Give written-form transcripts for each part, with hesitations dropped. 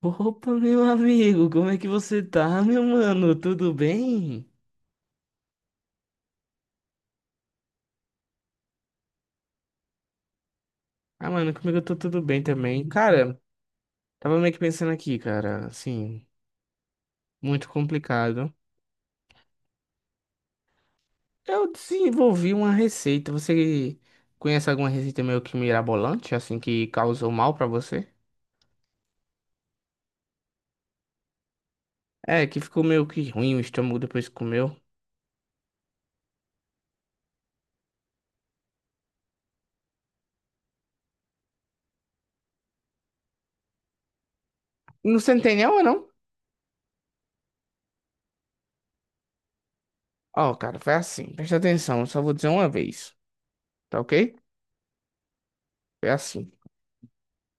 Opa, meu amigo, como é que você tá, meu mano? Tudo bem? Ah, mano, comigo eu tô tudo bem também. Cara, tava meio que pensando aqui, cara, assim, muito complicado. Eu desenvolvi uma receita. Você conhece alguma receita meio que mirabolante, assim, que causou mal pra você? É, que ficou meio que ruim o estômago depois que comeu. Não, você não tem nenhuma, não? Ó, cara, foi assim. Presta atenção, eu só vou dizer uma vez, tá ok? Foi assim.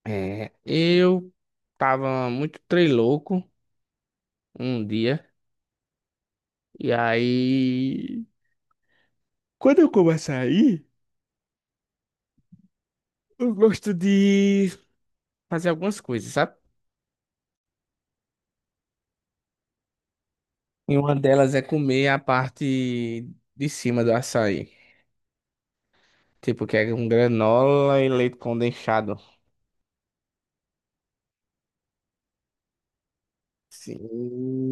É, eu tava muito trei louco. Um dia. E aí, quando eu começo a ir, eu gosto de fazer algumas coisas, sabe? E uma delas é comer a parte de cima do açaí. Tipo, que é um granola e leite condensado. Sim.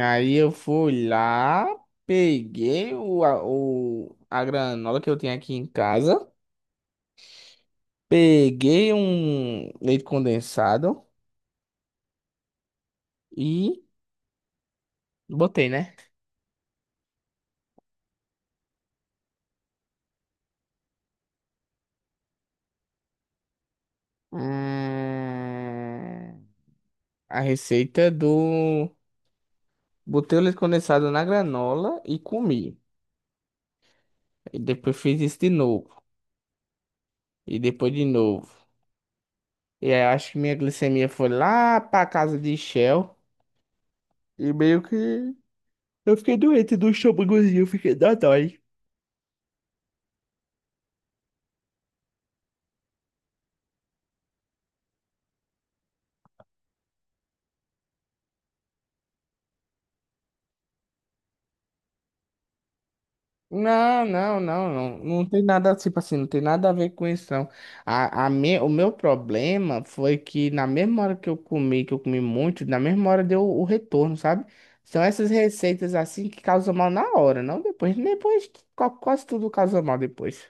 Aí eu fui lá, peguei a granola que eu tinha aqui em casa, peguei um leite condensado e botei, né? Hum, a receita do. Botei o leite condensado na granola e comi. E depois fiz isso de novo. E depois de novo. E aí eu acho que minha glicemia foi lá pra casa de Shell. E meio que. Eu fiquei doente do estômagozinho, eu fiquei da dói. Não, não, não, não, não tem nada, tipo assim, não tem nada a ver com isso, não. O meu problema foi que na mesma hora que eu comi muito, na mesma hora deu o retorno, sabe? São essas receitas assim que causam mal na hora, não depois. Depois, que quase tudo causa mal depois.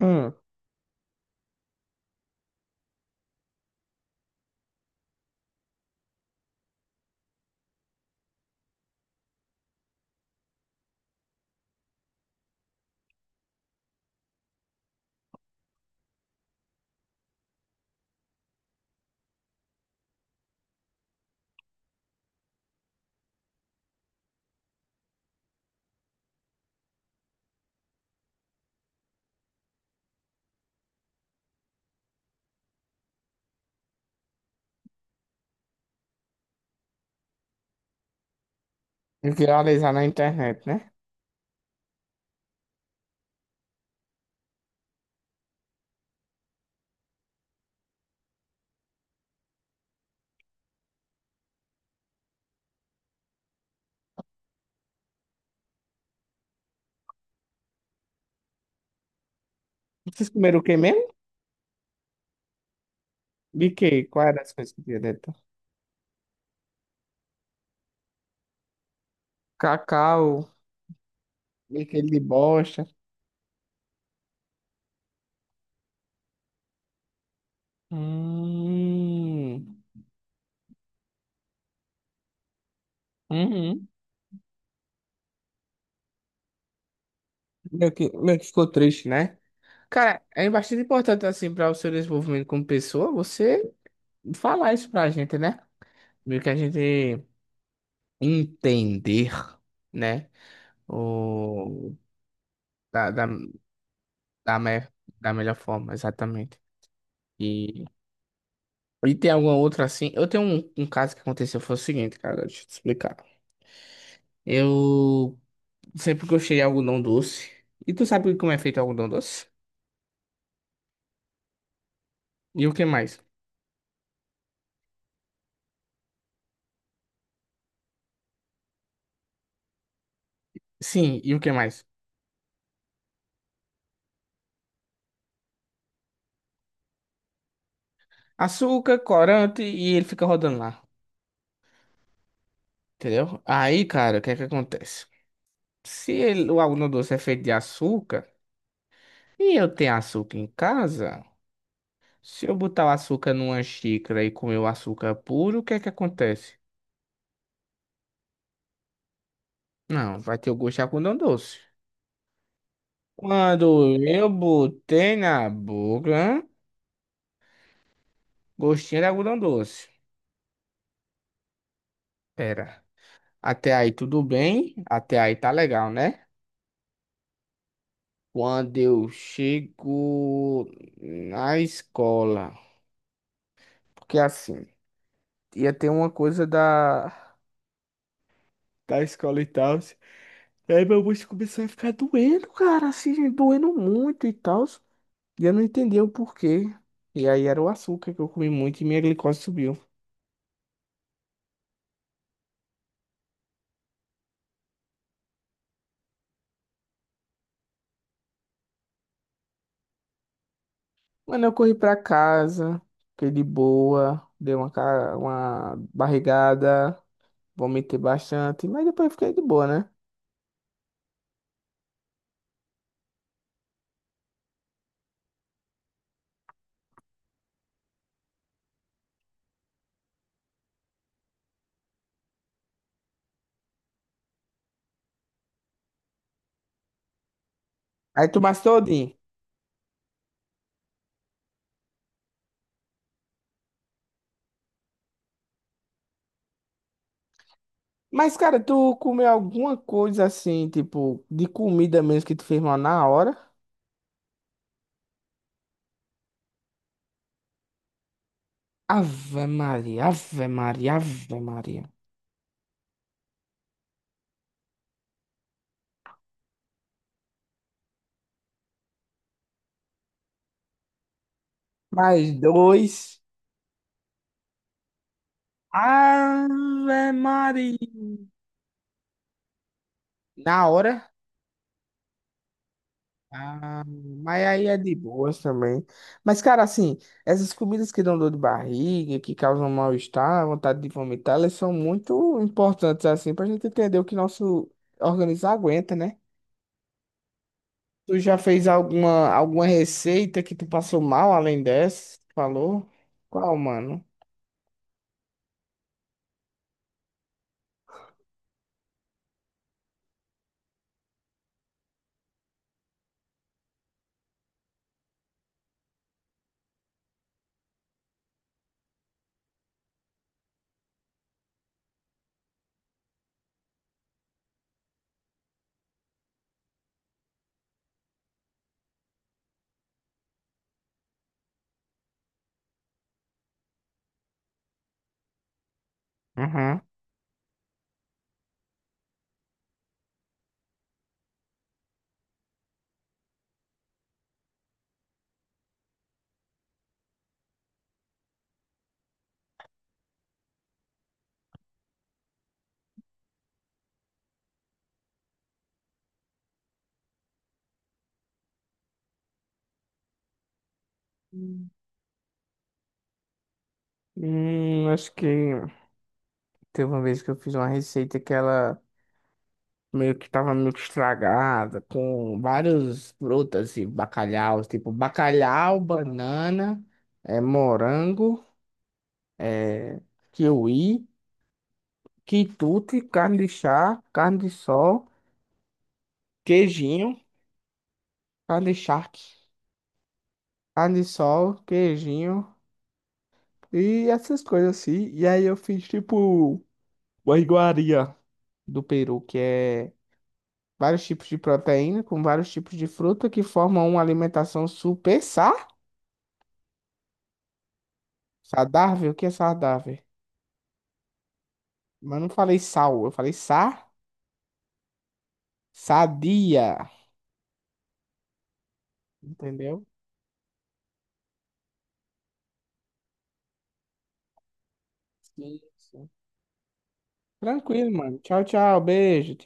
Hum, viralizar na internet, né? Vocês comeram o que mesmo? De que? Qual era as coisas que tinha dentro? Cacau. E aquele de bosta. Hum, uhum. Meio que ficou triste, né? Cara, é bastante importante, assim, para o seu desenvolvimento como pessoa, você falar isso pra gente, né? Meio que a gente entender, né? O... Da, da, da, me... Da melhor forma, exatamente. E, e tem alguma outra, assim... Eu tenho um caso que aconteceu, foi o seguinte, cara, deixa eu te explicar. Eu sempre gostei de algodão doce. E tu sabe como é feito o algodão doce? E o que mais? Sim, e o que mais? Açúcar, corante, e ele fica rodando lá. Entendeu? Aí, cara, o que é que acontece? Se ele- O algodão doce é feito de açúcar e eu tenho açúcar em casa, se eu botar o açúcar numa xícara e comer o açúcar puro, o que é que acontece? Não, vai ter o gosto de algodão doce. Quando eu botei na boca, gostinho de algodão doce. Pera, até aí tudo bem? Até aí tá legal, né? Quando eu chego na escola, porque assim ia ter uma coisa da escola e tal. Aí meu bucho começou a ficar doendo, cara, assim, doendo muito e tal. E eu não entendi o porquê. E aí era o açúcar que eu comi muito e minha glicose subiu. Mano, eu corri pra casa, fiquei de boa, dei uma, uma barrigada, vomitei bastante, mas depois fiquei de boa, né? Aí tu mas todinho. Mas, cara, tu comeu alguma coisa assim, tipo, de comida mesmo que tu fez mal na hora? Ave Maria, Ave Maria, Ave Maria. Mais dois. Ave Maria. Na hora. Ah, mas aí é de boas também. Mas, cara, assim, essas comidas que dão dor de barriga, que causam mal-estar, vontade de vomitar, elas são muito importantes, assim, pra gente entender o que nosso organismo aguenta, né? Tu já fez alguma receita que tu passou mal além dessa? Tu falou? Qual, mano? Uhum. Acho que teve uma vez que eu fiz uma receita que ela. Meio que tava meio que estragada, com várias frutas e bacalhau, tipo bacalhau, banana, é, morango, é, kiwi, quitute, carne de chá, carne de sol, queijinho, carne de charque, carne de sol, queijinho e essas coisas assim. E aí eu fiz tipo uma iguaria do Peru, que é vários tipos de proteína com vários tipos de fruta que formam uma alimentação super saudável. Sardável? O que é sardável? Mas eu não falei sal, eu falei sa, sadia. Entendeu? Sim, sim. Tranquilo, mano. Tchau, tchau. Beijo.